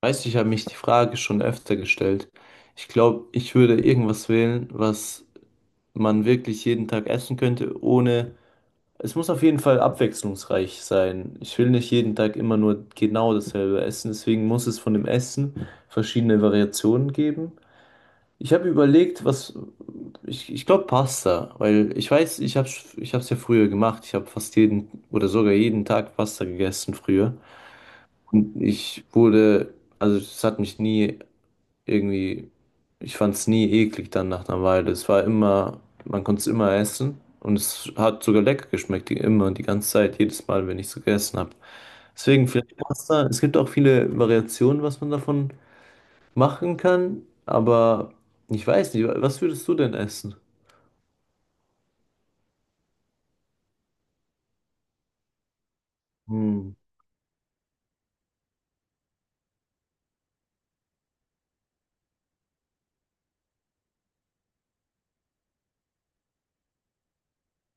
Weißt du, ich habe mich die Frage schon öfter gestellt. Ich glaube, ich würde irgendwas wählen, was man wirklich jeden Tag essen könnte, ohne. Es muss auf jeden Fall abwechslungsreich sein. Ich will nicht jeden Tag immer nur genau dasselbe essen, deswegen muss es von dem Essen verschiedene Variationen geben. Ich habe überlegt, was. Ich glaube Pasta, weil ich weiß, ich habe es ja früher gemacht. Ich habe fast jeden oder sogar jeden Tag Pasta gegessen früher. Und ich wurde, also es hat mich nie irgendwie, ich fand es nie eklig dann nach einer Weile. Es war immer, man konnte es immer essen und es hat sogar lecker geschmeckt, die, immer und die ganze Zeit, jedes Mal, wenn ich es gegessen habe. Deswegen vielleicht Pasta. Es gibt auch viele Variationen, was man davon machen kann, aber ich weiß nicht, was würdest du denn essen? Hm,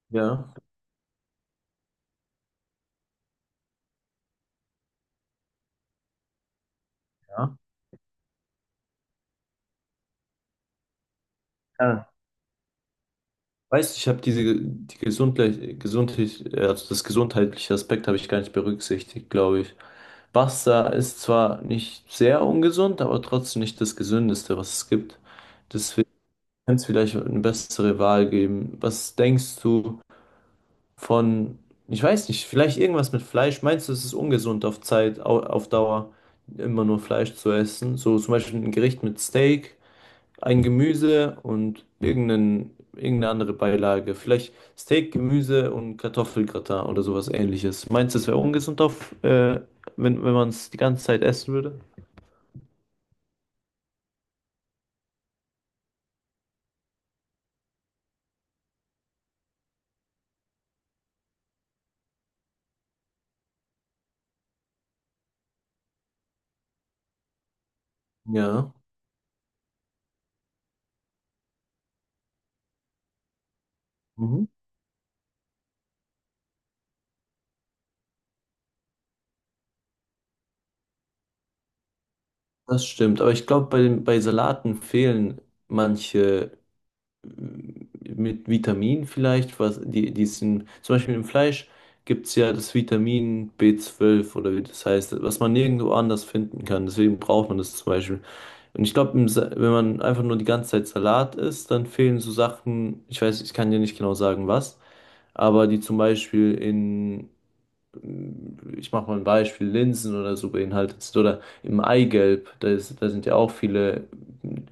ja. Ja. Weißt, ich habe diese die gesundlich, also das gesundheitliche Aspekt habe ich gar nicht berücksichtigt, glaube ich. Pasta ist zwar nicht sehr ungesund, aber trotzdem nicht das Gesündeste, was es gibt. Deswegen kann es vielleicht eine bessere Wahl geben. Was denkst du von, ich weiß nicht, vielleicht irgendwas mit Fleisch? Meinst du, es ist ungesund auf Zeit, auf Dauer immer nur Fleisch zu essen? So zum Beispiel ein Gericht mit Steak ein Gemüse und irgendeine andere Beilage. Vielleicht Steak, Gemüse und Kartoffelgratin oder sowas ähnliches. Meinst du, es wäre ungesund auf, wenn man es die ganze Zeit essen würde? Ja, mhm. Das stimmt. Aber ich glaube, bei Salaten fehlen manche m, mit Vitamin vielleicht, was die, die sind, zum Beispiel im Fleisch gibt es ja das Vitamin B12 oder wie das heißt, was man nirgendwo anders finden kann. Deswegen braucht man das zum Beispiel. Und ich glaube, wenn man einfach nur die ganze Zeit Salat isst, dann fehlen so Sachen, ich weiß, ich kann dir nicht genau sagen, was, aber die zum Beispiel in, ich mache mal ein Beispiel, Linsen oder so beinhaltet sind oder im Eigelb, da sind ja auch viele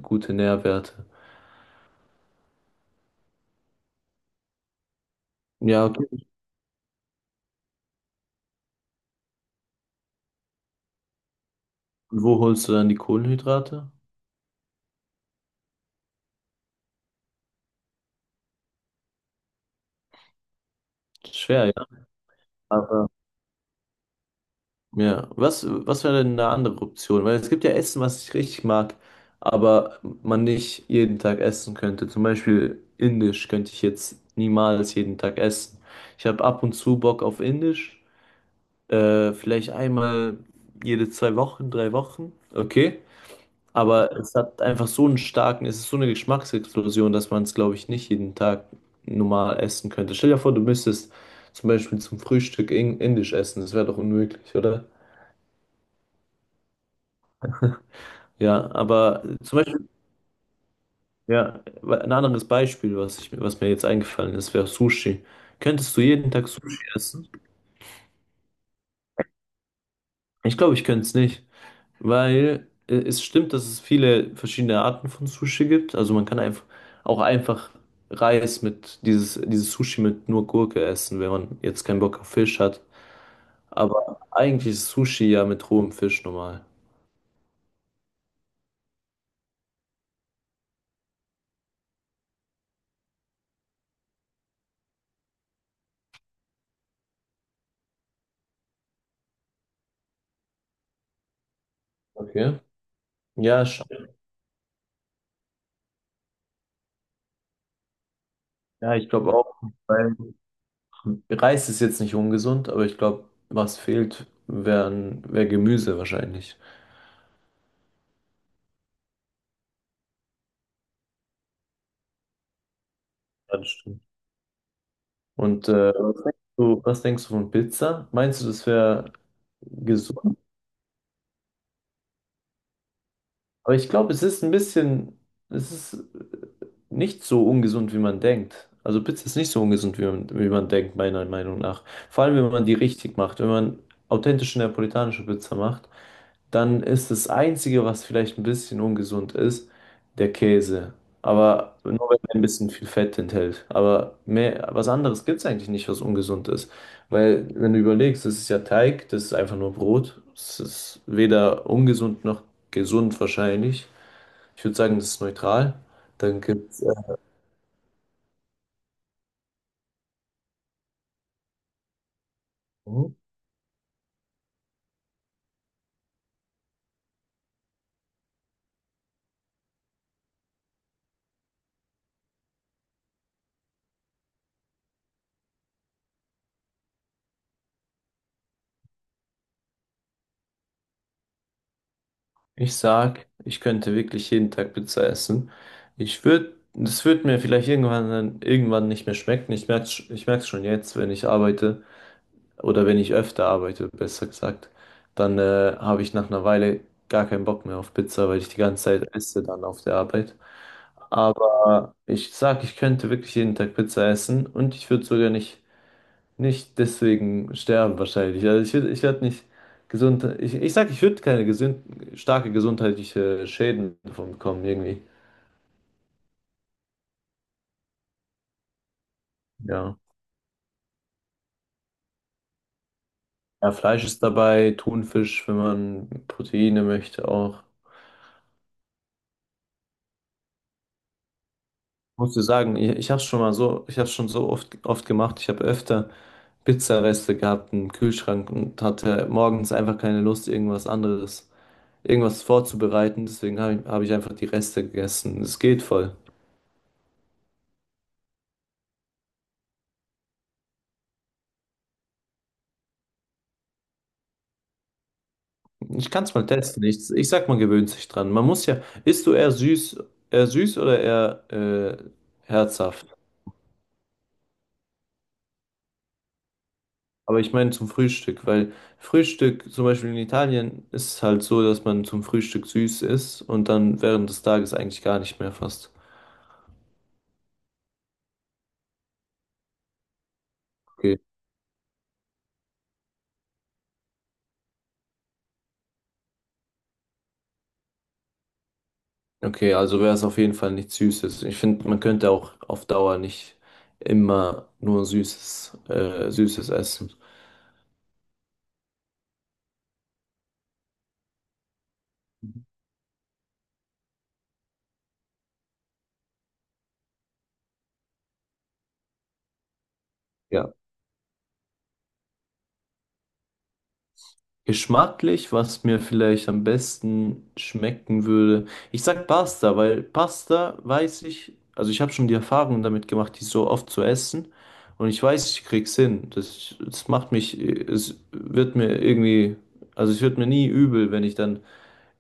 gute Nährwerte. Ja, okay. Und wo holst du dann die Kohlenhydrate? Schwer, ja. Aber ja, was wäre denn eine andere Option? Weil es gibt ja Essen, was ich richtig mag, aber man nicht jeden Tag essen könnte. Zum Beispiel Indisch könnte ich jetzt niemals jeden Tag essen. Ich habe ab und zu Bock auf Indisch, vielleicht einmal jede zwei Wochen, drei Wochen, okay. Aber es hat einfach so einen starken, es ist so eine Geschmacksexplosion, dass man es, glaube ich, nicht jeden Tag normal essen könnte. Stell dir vor, du müsstest zum Beispiel zum Frühstück Indisch essen, das wäre doch unmöglich, oder? Ja, aber zum Beispiel, ja, ein anderes Beispiel, was mir jetzt eingefallen ist, wäre Sushi. Könntest du jeden Tag Sushi essen? Ich glaube, ich könnte es nicht, weil es stimmt, dass es viele verschiedene Arten von Sushi gibt. Also man kann einfach auch einfach Reis mit dieses Sushi mit nur Gurke essen, wenn man jetzt keinen Bock auf Fisch hat. Aber eigentlich ist Sushi ja mit rohem Fisch normal. Okay. Ja, ja, ich glaube auch, weil Reis ist jetzt nicht ungesund, aber ich glaube, was fehlt, wär Gemüse wahrscheinlich. Ja, das stimmt. Und was denkst du von Pizza? Meinst du, das wäre gesund? Aber ich glaube, es ist ein bisschen, es ist nicht so ungesund, wie man denkt. Also Pizza ist nicht so ungesund, wie man denkt, meiner Meinung nach. Vor allem, wenn man die richtig macht. Wenn man authentische neapolitanische Pizza macht, dann ist das Einzige, was vielleicht ein bisschen ungesund ist, der Käse. Aber nur wenn er ein bisschen viel Fett enthält. Aber mehr, was anderes gibt es eigentlich nicht, was ungesund ist. Weil, wenn du überlegst, das ist ja Teig, das ist einfach nur Brot. Es ist weder ungesund noch gesund wahrscheinlich. Ich würde sagen, das ist neutral. Dann gibt's, mhm. Ich sag, ich könnte wirklich jeden Tag Pizza essen. Ich würde, das wird mir vielleicht irgendwann dann irgendwann nicht mehr schmecken. Ich merk's schon jetzt, wenn ich arbeite oder wenn ich öfter arbeite, besser gesagt, dann habe ich nach einer Weile gar keinen Bock mehr auf Pizza, weil ich die ganze Zeit esse dann auf der Arbeit. Aber ich sag, ich könnte wirklich jeden Tag Pizza essen und ich würde sogar nicht deswegen sterben wahrscheinlich. Also ich würde, ich werde nicht gesund. Ich sag, ich würde keine gesund, starke gesundheitliche Schäden davon bekommen, irgendwie. Ja. Ja, Fleisch ist dabei, Thunfisch, wenn man Proteine möchte auch. Muss ich sagen, ich habe es schon mal so, ich habe schon so oft, oft gemacht. Ich habe öfter Pizzareste gehabt im Kühlschrank und hatte morgens einfach keine Lust, irgendwas anderes, irgendwas vorzubereiten. Deswegen hab ich einfach die Reste gegessen. Es geht voll. Ich kann es mal testen. Ich sag, man gewöhnt sich dran. Man muss ja, isst du eher süß oder eher herzhaft? Aber ich meine zum Frühstück, weil Frühstück, zum Beispiel in Italien, ist es halt so, dass man zum Frühstück süß isst und dann während des Tages eigentlich gar nicht mehr fast. Okay. Okay, also wäre es auf jeden Fall nichts Süßes. Ich finde, man könnte auch auf Dauer nicht immer nur Süßes, Süßes essen. Ja. Geschmacklich, was mir vielleicht am besten schmecken würde. Ich sag Pasta, weil Pasta weiß ich, also ich habe schon die Erfahrung damit gemacht, die so oft zu essen. Und ich weiß, ich krieg's hin. Das macht mich, es wird mir irgendwie, also es wird mir nie übel, wenn ich dann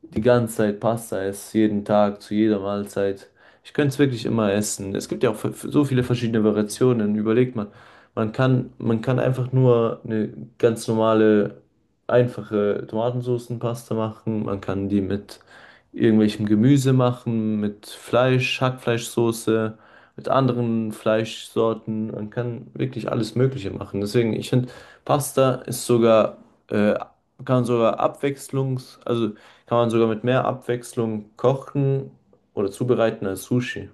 die ganze Zeit Pasta esse, jeden Tag, zu jeder Mahlzeit. Ich könnte es wirklich immer essen. Es gibt ja auch so viele verschiedene Variationen. Überlegt man, man kann einfach nur eine ganz normale, einfache Tomatensoßenpasta machen. Man kann die mit irgendwelchem Gemüse machen, mit Fleisch, Hackfleischsoße, mit anderen Fleischsorten. Man kann wirklich alles Mögliche machen. Deswegen, ich finde, Pasta ist sogar, äh, kann sogar abwechslungs, also kann man sogar mit mehr Abwechslung kochen oder zubereiten als Sushi.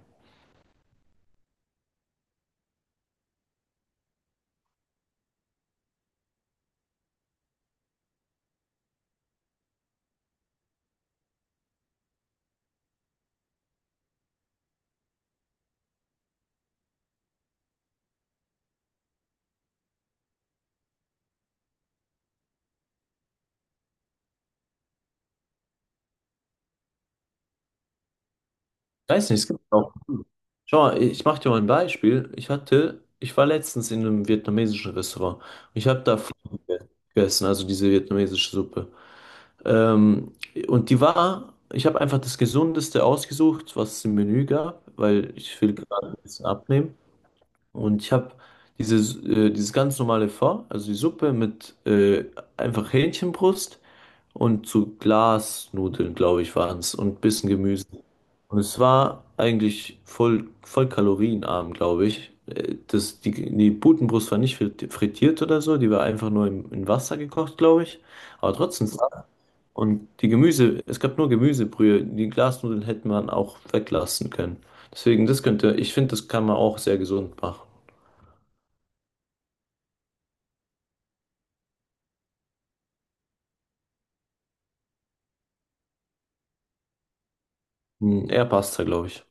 Ich weiß nicht, es gibt auch. Schau mal, ich mache dir mal ein Beispiel. Ich war letztens in einem vietnamesischen Restaurant. Ich habe da Pho gegessen, also diese vietnamesische Suppe. Ähm, und die war, ich habe einfach das Gesundeste ausgesucht, was es im Menü gab, weil ich will gerade ein bisschen abnehmen. Und ich habe dieses, dieses ganz normale Pho, also die Suppe mit einfach Hähnchenbrust und zu Glasnudeln, glaube ich, waren es und bisschen Gemüse. Und es war eigentlich voll, voll kalorienarm, glaube ich. Das, die Putenbrust war nicht frittiert oder so, die war einfach nur in Wasser gekocht, glaube ich. Aber trotzdem. Und die Gemüse, es gab nur Gemüsebrühe. Die Glasnudeln hätte man auch weglassen können. Deswegen, das könnte, ich finde, das kann man auch sehr gesund machen. Hm, er passt da, glaube ich.